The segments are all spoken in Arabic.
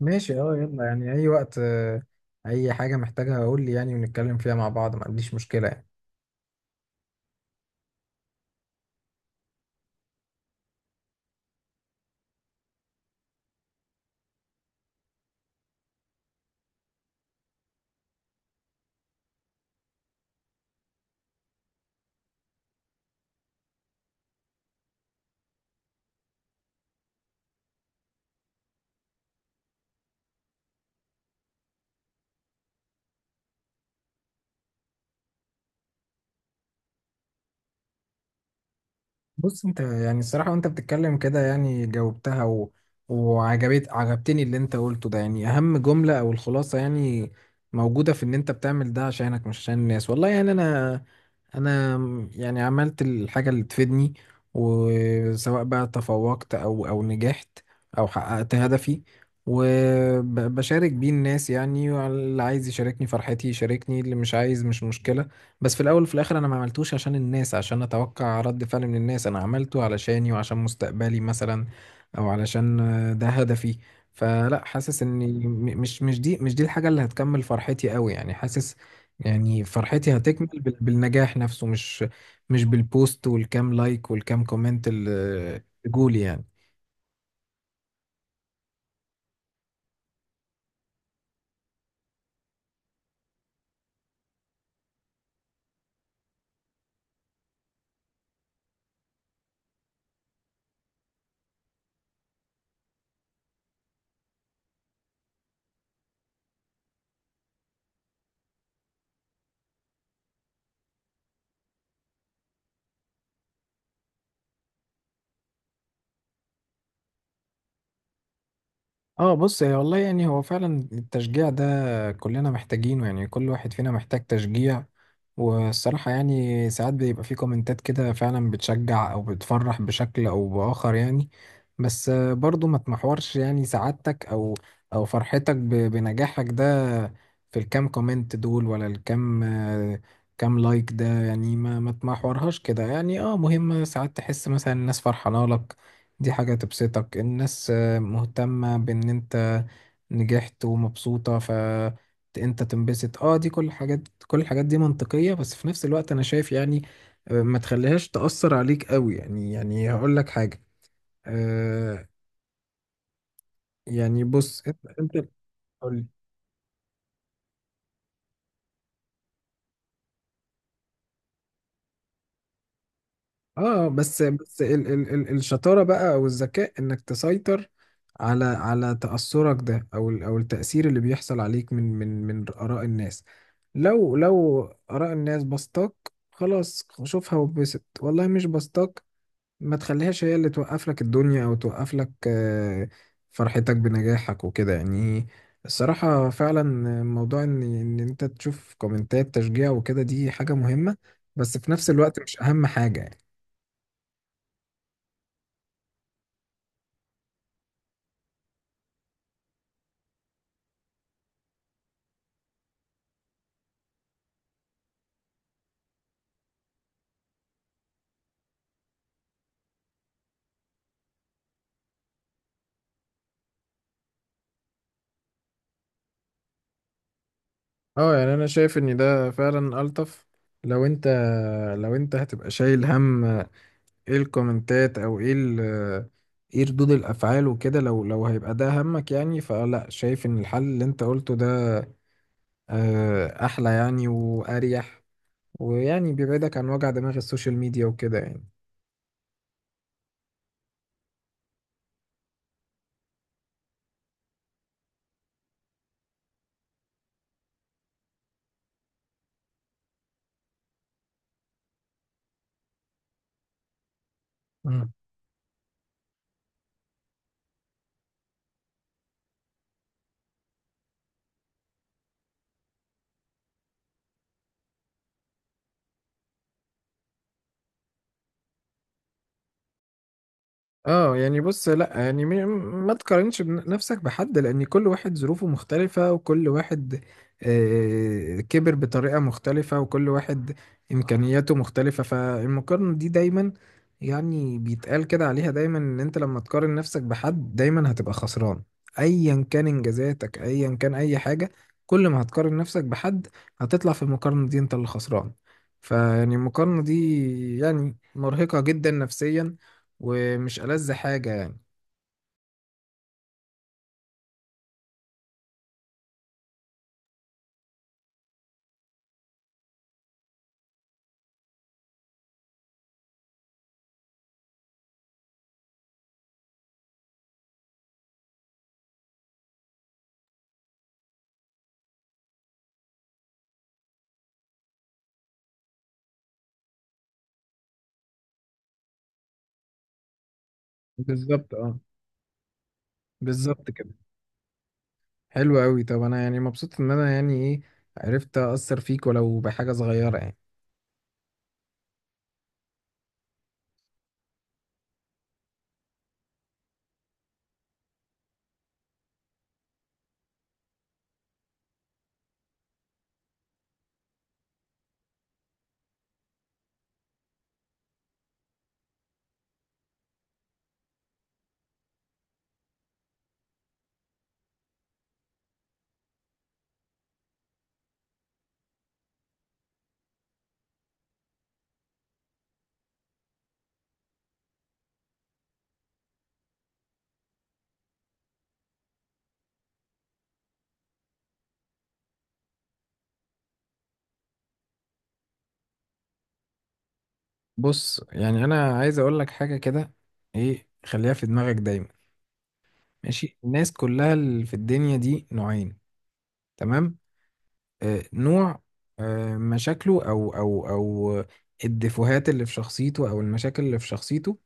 ماشي، اه، يلا، يعني اي وقت، اي حاجة محتاجها اقول لي، يعني ونتكلم فيها مع بعض. ما عنديش مشكلة يعني. بص، انت يعني الصراحة وانت بتتكلم كده يعني جاوبتها، وعجبت عجبتني اللي انت قلته ده، يعني اهم جملة او الخلاصة يعني موجودة في ان انت بتعمل ده عشانك، مش عشان الناس. والله يعني انا يعني عملت الحاجة اللي تفيدني، وسواء بقى تفوقت او نجحت او حققت هدفي وبشارك بيه الناس، يعني اللي عايز يشاركني فرحتي يشاركني، اللي مش عايز مش مشكلة. بس في الاول وفي الاخر انا ما عملتوش عشان الناس، عشان اتوقع رد فعل من الناس، انا عملته علشاني وعشان مستقبلي مثلا، او علشان، ده هدفي. فلا حاسس اني مش دي الحاجة اللي هتكمل فرحتي قوي، يعني حاسس يعني فرحتي هتكمل بالنجاح نفسه، مش بالبوست والكام لايك والكام كومنت اللي جولي يعني. اه، بص، هي والله يعني هو فعلا التشجيع ده كلنا محتاجينه، يعني كل واحد فينا محتاج تشجيع، والصراحة يعني ساعات بيبقى في كومنتات كده فعلا بتشجع او بتفرح بشكل او بآخر يعني. بس برضو ما تمحورش يعني سعادتك او او فرحتك بنجاحك ده في الكام كومنت دول ولا الكام، كام لايك ده، يعني ما تمحورهاش كده. يعني اه مهم ساعات تحس مثلا الناس فرحانة لك، دي حاجة تبسطك، الناس مهتمة بان انت نجحت ومبسوطة فانت تنبسط. اه، دي كل الحاجات، كل الحاجات دي منطقية. بس في نفس الوقت انا شايف يعني، ما تخليهاش تأثر عليك قوي يعني هقول لك حاجة آه يعني بص، انت قول لي. اه، بس ال ال ال الشطارة بقى او الذكاء، انك تسيطر على تأثرك ده، او التأثير اللي بيحصل عليك من آراء الناس. لو آراء الناس بسطاك، خلاص شوفها وبسط. والله مش بسطاك، ما تخليهاش هي اللي توقف لك الدنيا، او توقف لك فرحتك بنجاحك وكده يعني. الصراحة فعلا موضوع ان انت تشوف كومنتات تشجيع وكده دي حاجة مهمة، بس في نفس الوقت مش اهم حاجة. اه، يعني انا شايف ان ده فعلا الطف، لو انت لو انت هتبقى شايل هم ايه الكومنتات، او ايه ايه ردود الافعال وكده، لو هيبقى ده همك يعني، فلا شايف ان الحل اللي انت قلته ده احلى يعني واريح، ويعني بيبعدك عن وجع دماغ السوشيال ميديا وكده يعني. اه، يعني بص، لا يعني ما تقارنش نفسك بحد، لان كل واحد ظروفه مختلفة، وكل واحد كبر بطريقة مختلفة، وكل واحد امكانياته مختلفة. فالمقارنة دي دايما يعني بيتقال كده عليها دايما، ان انت لما تقارن نفسك بحد دايما هتبقى خسران، ايا كان انجازاتك، ايا كان اي حاجة. كل ما هتقارن نفسك بحد هتطلع في المقارنة دي انت اللي خسران، فيعني المقارنة دي يعني مرهقة جدا نفسيا، ومش ألذ حاجة يعني. بالظبط اه، بالظبط كده. حلو قوي. طب انا يعني مبسوط ان انا يعني ايه، عرفت اثر فيك ولو بحاجه صغيره يعني. بص، يعني انا عايز اقول لك حاجه كده، ايه، خليها في دماغك دايما، ماشي؟ الناس كلها اللي في الدنيا دي نوعين، تمام؟ نوع مشاكله، او الدفوهات اللي في شخصيته، او المشاكل اللي في شخصيته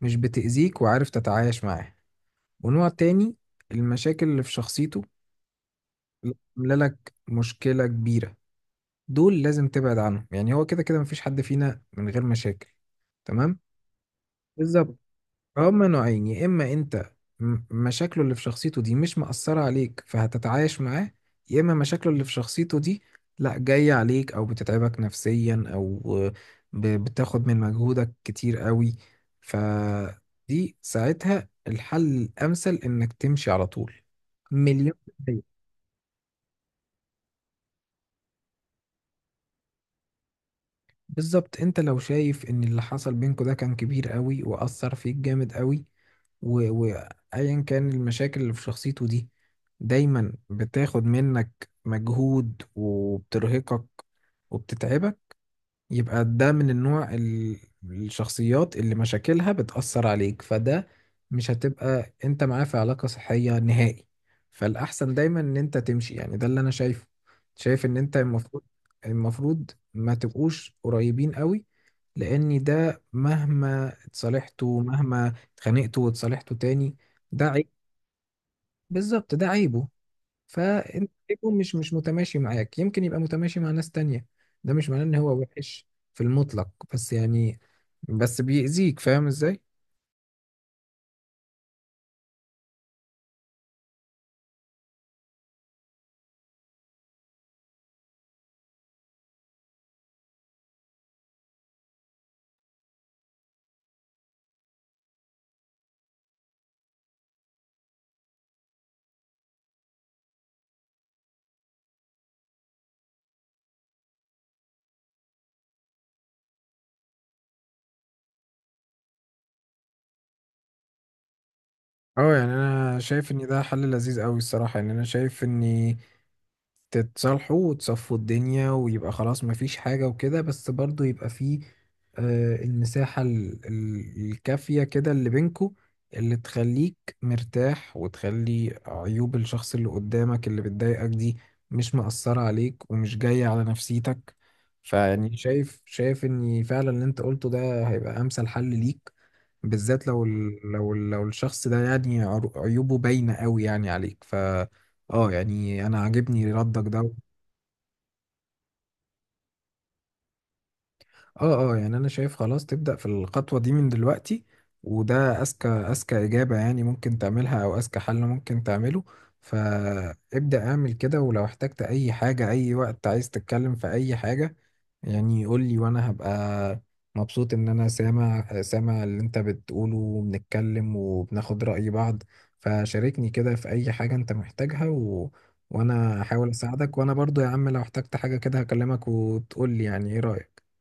مش بتأذيك وعارف تتعايش معاها. ونوع تاني، المشاكل اللي في شخصيته عامله لك مشكله كبيره، دول لازم تبعد عنهم. يعني هو كده كده مفيش حد فينا من غير مشاكل، تمام؟ بالظبط، هما نوعين، يا اما انت مشاكله اللي في شخصيته دي مش مأثرة عليك فهتتعايش معاه، يا اما مشاكله اللي في شخصيته دي لا، جاية عليك او بتتعبك نفسيا، او بتاخد من مجهودك كتير قوي، فدي ساعتها الحل الامثل انك تمشي على طول. مليون بالمية. بالظبط. انت لو شايف ان اللي حصل بينكوا ده كان كبير قوي واثر فيك جامد قوي، و- وايا كان المشاكل اللي في شخصيته دي دايما بتاخد منك مجهود وبترهقك وبتتعبك، يبقى ده من النوع الشخصيات اللي مشاكلها بتأثر عليك، فده مش هتبقى انت معاه في علاقة صحية نهائي. فالأحسن دايما ان انت تمشي، يعني ده اللي انا شايفه. شايف ان انت المفروض ما تبقوش قريبين قوي، لان ده مهما اتصالحتوا، مهما اتخانقتوا واتصالحتوا تاني، ده عيب. بالظبط، ده عيبه. فانت يكون مش متماشي معاك، يمكن يبقى متماشي مع ناس تانية، ده مش معناه ان هو وحش في المطلق، بس يعني بس بيأذيك. فاهم ازاي؟ اه، يعني انا شايف ان ده حل لذيذ قوي الصراحه، يعني انا شايف ان تتصالحوا وتصفوا الدنيا، ويبقى خلاص مفيش حاجة وكده، بس برضو يبقى فيه المساحة الكافية كده اللي بينكو، اللي تخليك مرتاح، وتخلي عيوب الشخص اللي قدامك اللي بتضايقك دي مش مأثرة عليك ومش جاية على نفسيتك. فيعني شايف ان فعلا اللي انت قلته ده هيبقى امثل حل ليك، بالذات لو لو الشخص ده يعني عيوبه باينة قوي يعني عليك، ف اه، يعني انا عاجبني ردك ده. اه اه، يعني انا شايف خلاص تبدأ في الخطوة دي من دلوقتي، وده اذكى اجابة يعني ممكن تعملها، او اذكى حل ممكن تعمله. فابدأ اعمل كده، ولو احتجت اي حاجة اي وقت، عايز تتكلم في اي حاجة يعني، يقول لي، وانا هبقى مبسوط ان انا سامع اللي انت بتقوله، وبنتكلم وبناخد رأي بعض. فشاركني كده في اي حاجة انت محتاجها، وانا هحاول اساعدك، وانا برضو يا عم لو احتجت حاجة كده هكلمك وتقول لي يعني ايه رأيك.